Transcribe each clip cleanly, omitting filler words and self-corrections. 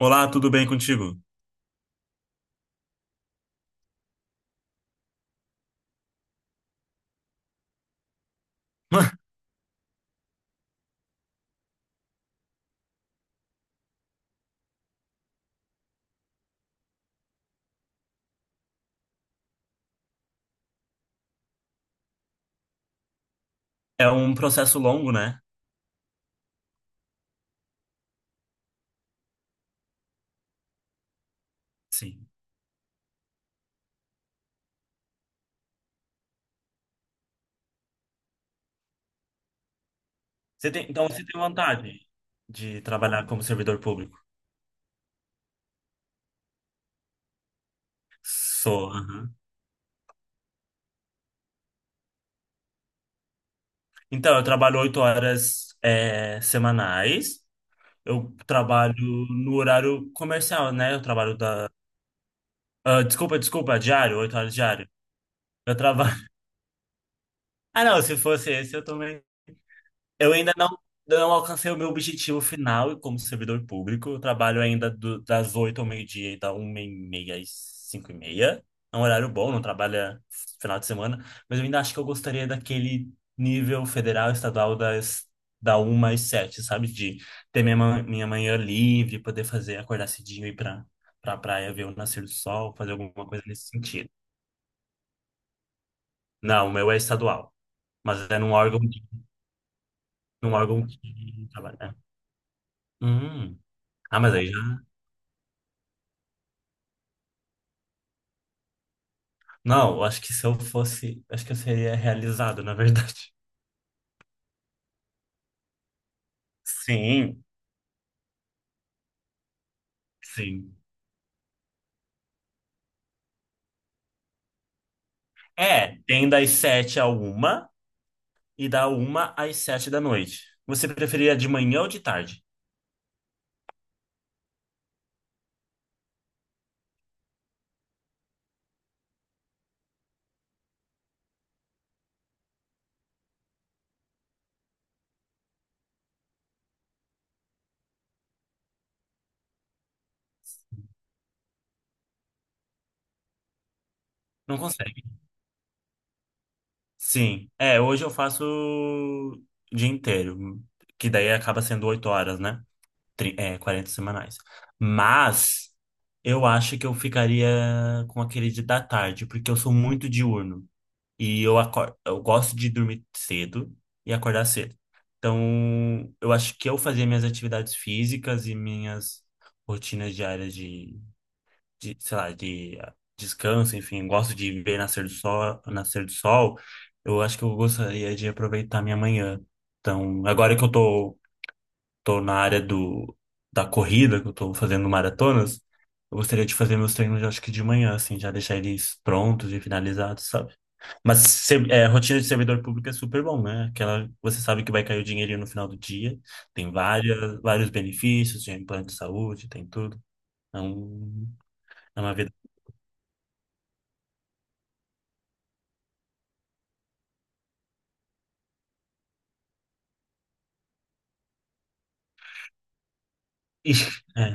Olá, tudo bem contigo? É um processo longo, né? Sim. Então você tem vontade de trabalhar como servidor público? Sou, aham. Então, eu trabalho oito horas, semanais. Eu trabalho no horário comercial, né? Eu trabalho da. Ah, desculpa, desculpa, diário, oito horas diário. Eu trabalho. Ah, não, se fosse esse, eu também. Eu ainda não alcancei o meu objetivo final como servidor público. Eu trabalho ainda das 8 ao meio-dia e da 1 e meia às 5 e meia. É um horário bom, não trabalha final de semana. Mas eu ainda acho que eu gostaria daquele nível federal, estadual, da 1 às 7, sabe? De ter minha manhã livre, poder fazer, acordar cedinho e ir pra praia ver o nascer do sol, fazer alguma coisa nesse sentido. Não, o meu é estadual. Mas é num num órgão que trabalha. Hum. Ah, mas aí já. Não, eu acho que se eu fosse, acho que eu seria realizado, na verdade. Sim, sim. É, tem das sete à uma e da uma às sete da noite. Você preferia de manhã ou de tarde? Não consegue. Sim. É, hoje eu faço o dia inteiro, que daí acaba sendo oito horas, né? É, 40 semanais. Mas eu acho que eu ficaria com aquele de da tarde, porque eu sou muito diurno. E eu acordo, eu gosto de dormir cedo e acordar cedo. Então, eu acho que eu fazer minhas atividades físicas e minhas rotinas diárias, sei lá, descanso, enfim, eu gosto de ver nascer do sol. Eu acho que eu gostaria de aproveitar minha manhã. Então, agora que tô na da corrida, que eu tô fazendo maratonas, eu gostaria de fazer meus treinos, eu acho que de manhã, assim, já deixar eles prontos e finalizados, sabe? Mas rotina de servidor público é super bom, né? Aquela, você sabe que vai cair o dinheirinho no final do dia. Tem vários benefícios, tem plano de saúde, tem tudo. É, um, é uma vida. Ixi,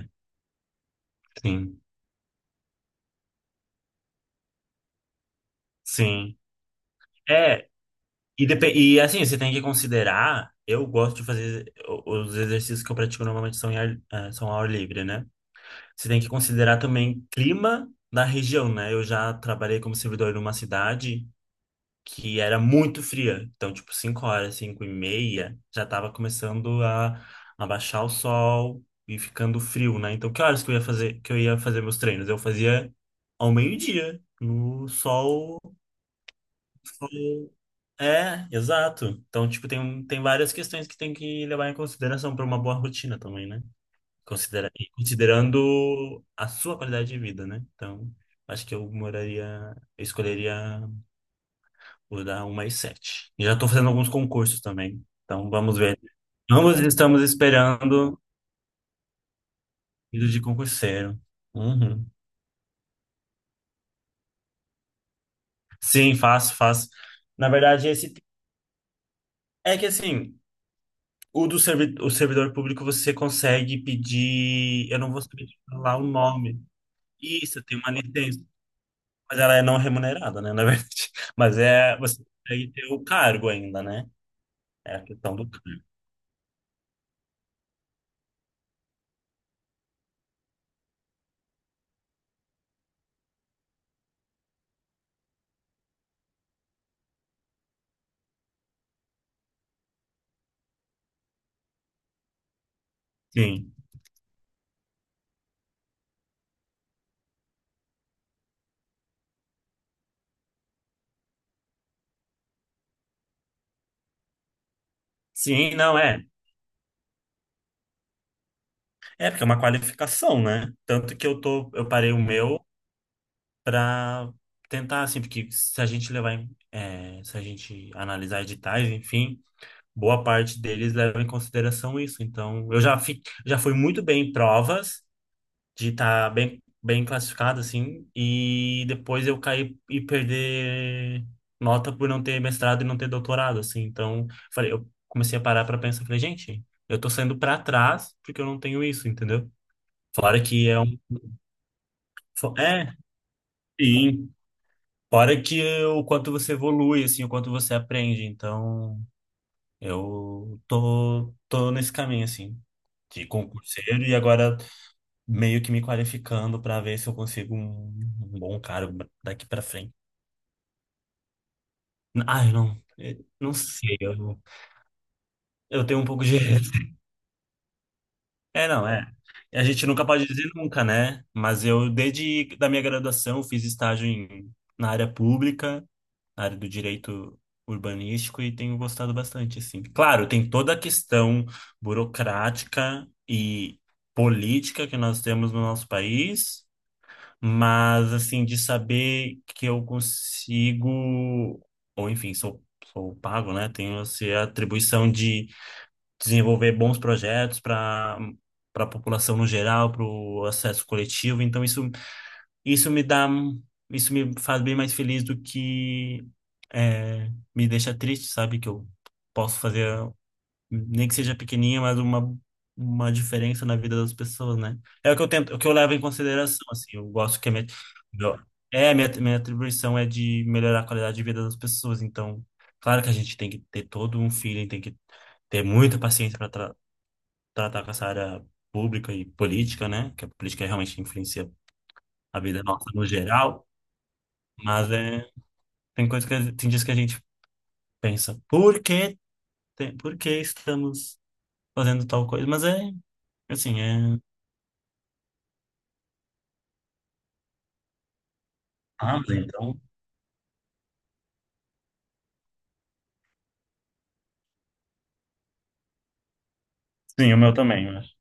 sim, sim. É, e assim, você tem que considerar. Eu gosto de fazer os exercícios que eu pratico normalmente são ao ar livre, né? Você tem que considerar também clima da região, né? Eu já trabalhei como servidor numa cidade que era muito fria. Então, tipo, 5 horas, 5 e meia, já tava começando a baixar o sol e ficando frio, né? Então, que eu ia fazer meus treinos? Eu fazia ao meio-dia, no sol. É, exato. Então, tipo, tem várias questões que tem que levar em consideração para uma boa rotina também, né? Considerando a sua qualidade de vida, né? Então, acho que eu moraria, eu escolheria. Vou dar uma e sete. Já estou fazendo alguns concursos também. Então vamos ver. Ambos estamos esperando vida de concurseiro. Uhum. Sim, faço, faço. Na verdade, esse é que assim, o servidor público você consegue pedir. Eu não vou saber falar o nome. Isso, tem uma licença. Mas ela é não remunerada, né? Na verdade. Mas é. Você consegue ter o cargo ainda, né? É a questão do cargo. Sim. Sim, não é. É, porque é uma qualificação, né? Tanto que eu parei o meu pra tentar, assim, porque se a gente se a gente analisar editais, enfim, boa parte deles leva em consideração isso. Então, já fui muito bem em provas de estar bem classificado, assim, e depois eu caí e perder nota por não ter mestrado e não ter doutorado, assim. Então, falei, eu comecei a parar pra pensar, falei, gente, eu tô saindo pra trás porque eu não tenho isso, entendeu? Fora que é Fo- É, sim. Fora que o quanto você evolui, assim, o quanto você aprende. Então, tô nesse caminho, assim, de concurseiro e agora meio que me qualificando para ver se eu consigo um bom cargo daqui para frente. Ai, não, não sei, eu tenho um pouco de. É, não, é. A gente nunca pode dizer nunca, né? Mas eu, desde da minha graduação, fiz estágio na área pública, na área do direito urbanístico, e tenho gostado bastante, assim. Claro, tem toda a questão burocrática e política que nós temos no nosso país, mas, assim, de saber que eu consigo, ou enfim, sou, sou pago, né? Tenho, assim, a atribuição de desenvolver bons projetos para a população no geral, para o acesso coletivo. Então isso me dá isso me faz bem mais feliz do que é, me deixa triste, sabe? Que eu posso fazer nem que seja pequenininha, mas uma diferença na vida das pessoas, né? É o que eu tento, o que eu levo em consideração, assim. Eu gosto que meu- a minha atribuição é de melhorar a qualidade de vida das pessoas. Então, claro que a gente tem que ter todo um feeling, tem que ter muita paciência para tratar com essa área pública e política, né? Que a política realmente influencia a vida nossa no geral, mas é, tem coisas tem dias que a gente pensa, por que estamos fazendo tal coisa? Mas é, assim, é... Ah, mas então... Sim, o meu também, eu acho.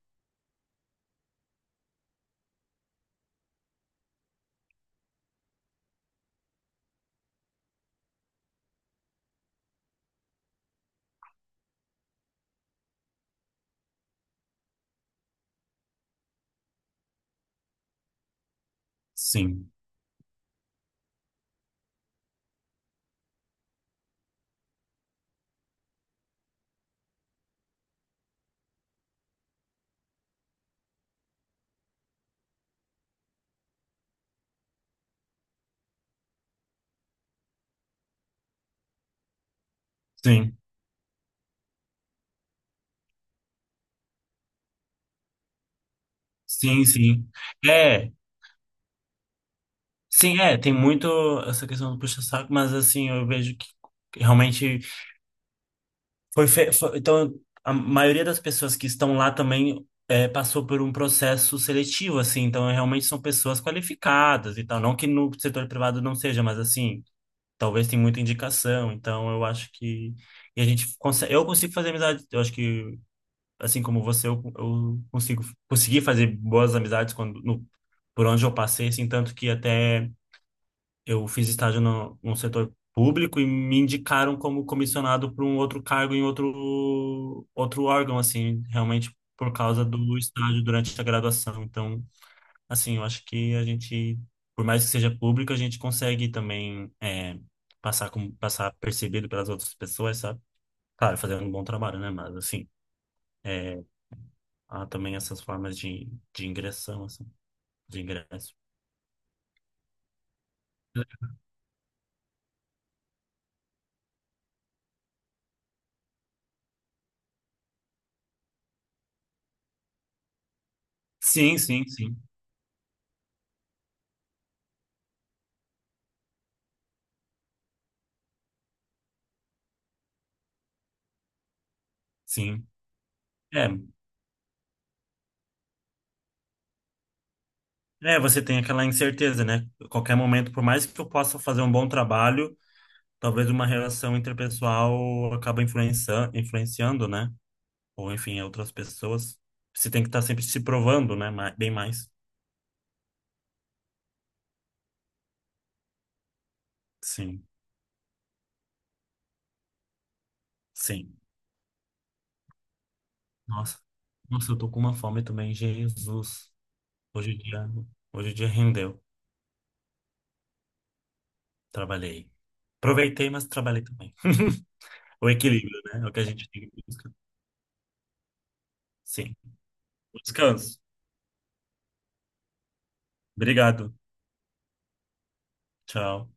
Sim, sim, sim, sim. É, sim, é, tem muito essa questão do puxa-saco, mas assim, eu vejo que realmente então, a maioria das pessoas que estão lá também passou por um processo seletivo, assim, então realmente são pessoas qualificadas e tal. Não que no setor privado não seja, mas assim, talvez tem muita indicação, então eu acho que. E a gente consegue, eu consigo fazer amizade, eu acho que, assim como você, eu consigo consegui fazer boas amizades quando, no, por onde eu passei, assim, tanto que até eu fiz estágio no setor público e me indicaram como comissionado para um outro cargo em outro órgão, assim, realmente por causa do estágio durante a graduação. Então, assim, eu acho que a gente, por mais que seja público, a gente consegue também passar, como, passar percebido pelas outras pessoas, sabe? Claro, fazendo um bom trabalho, né? Mas, assim, é, há também essas formas de ingressão, assim, de ingresso. Sim, sim, sim, sim. É, é, você tem aquela incerteza, né? Qualquer momento, por mais que eu possa fazer um bom trabalho, talvez uma relação interpessoal acaba influenciando, né? Ou enfim, outras pessoas. Você tem que estar sempre se provando, né? Bem mais. Sim, sim. Nossa, nossa, eu tô com uma fome também, Jesus. Hoje o dia, hoje o dia rendeu. Trabalhei. Aproveitei, mas trabalhei também. O equilíbrio, né? É o que a gente tem que buscar. Sim. Descanso. Obrigado. Tchau.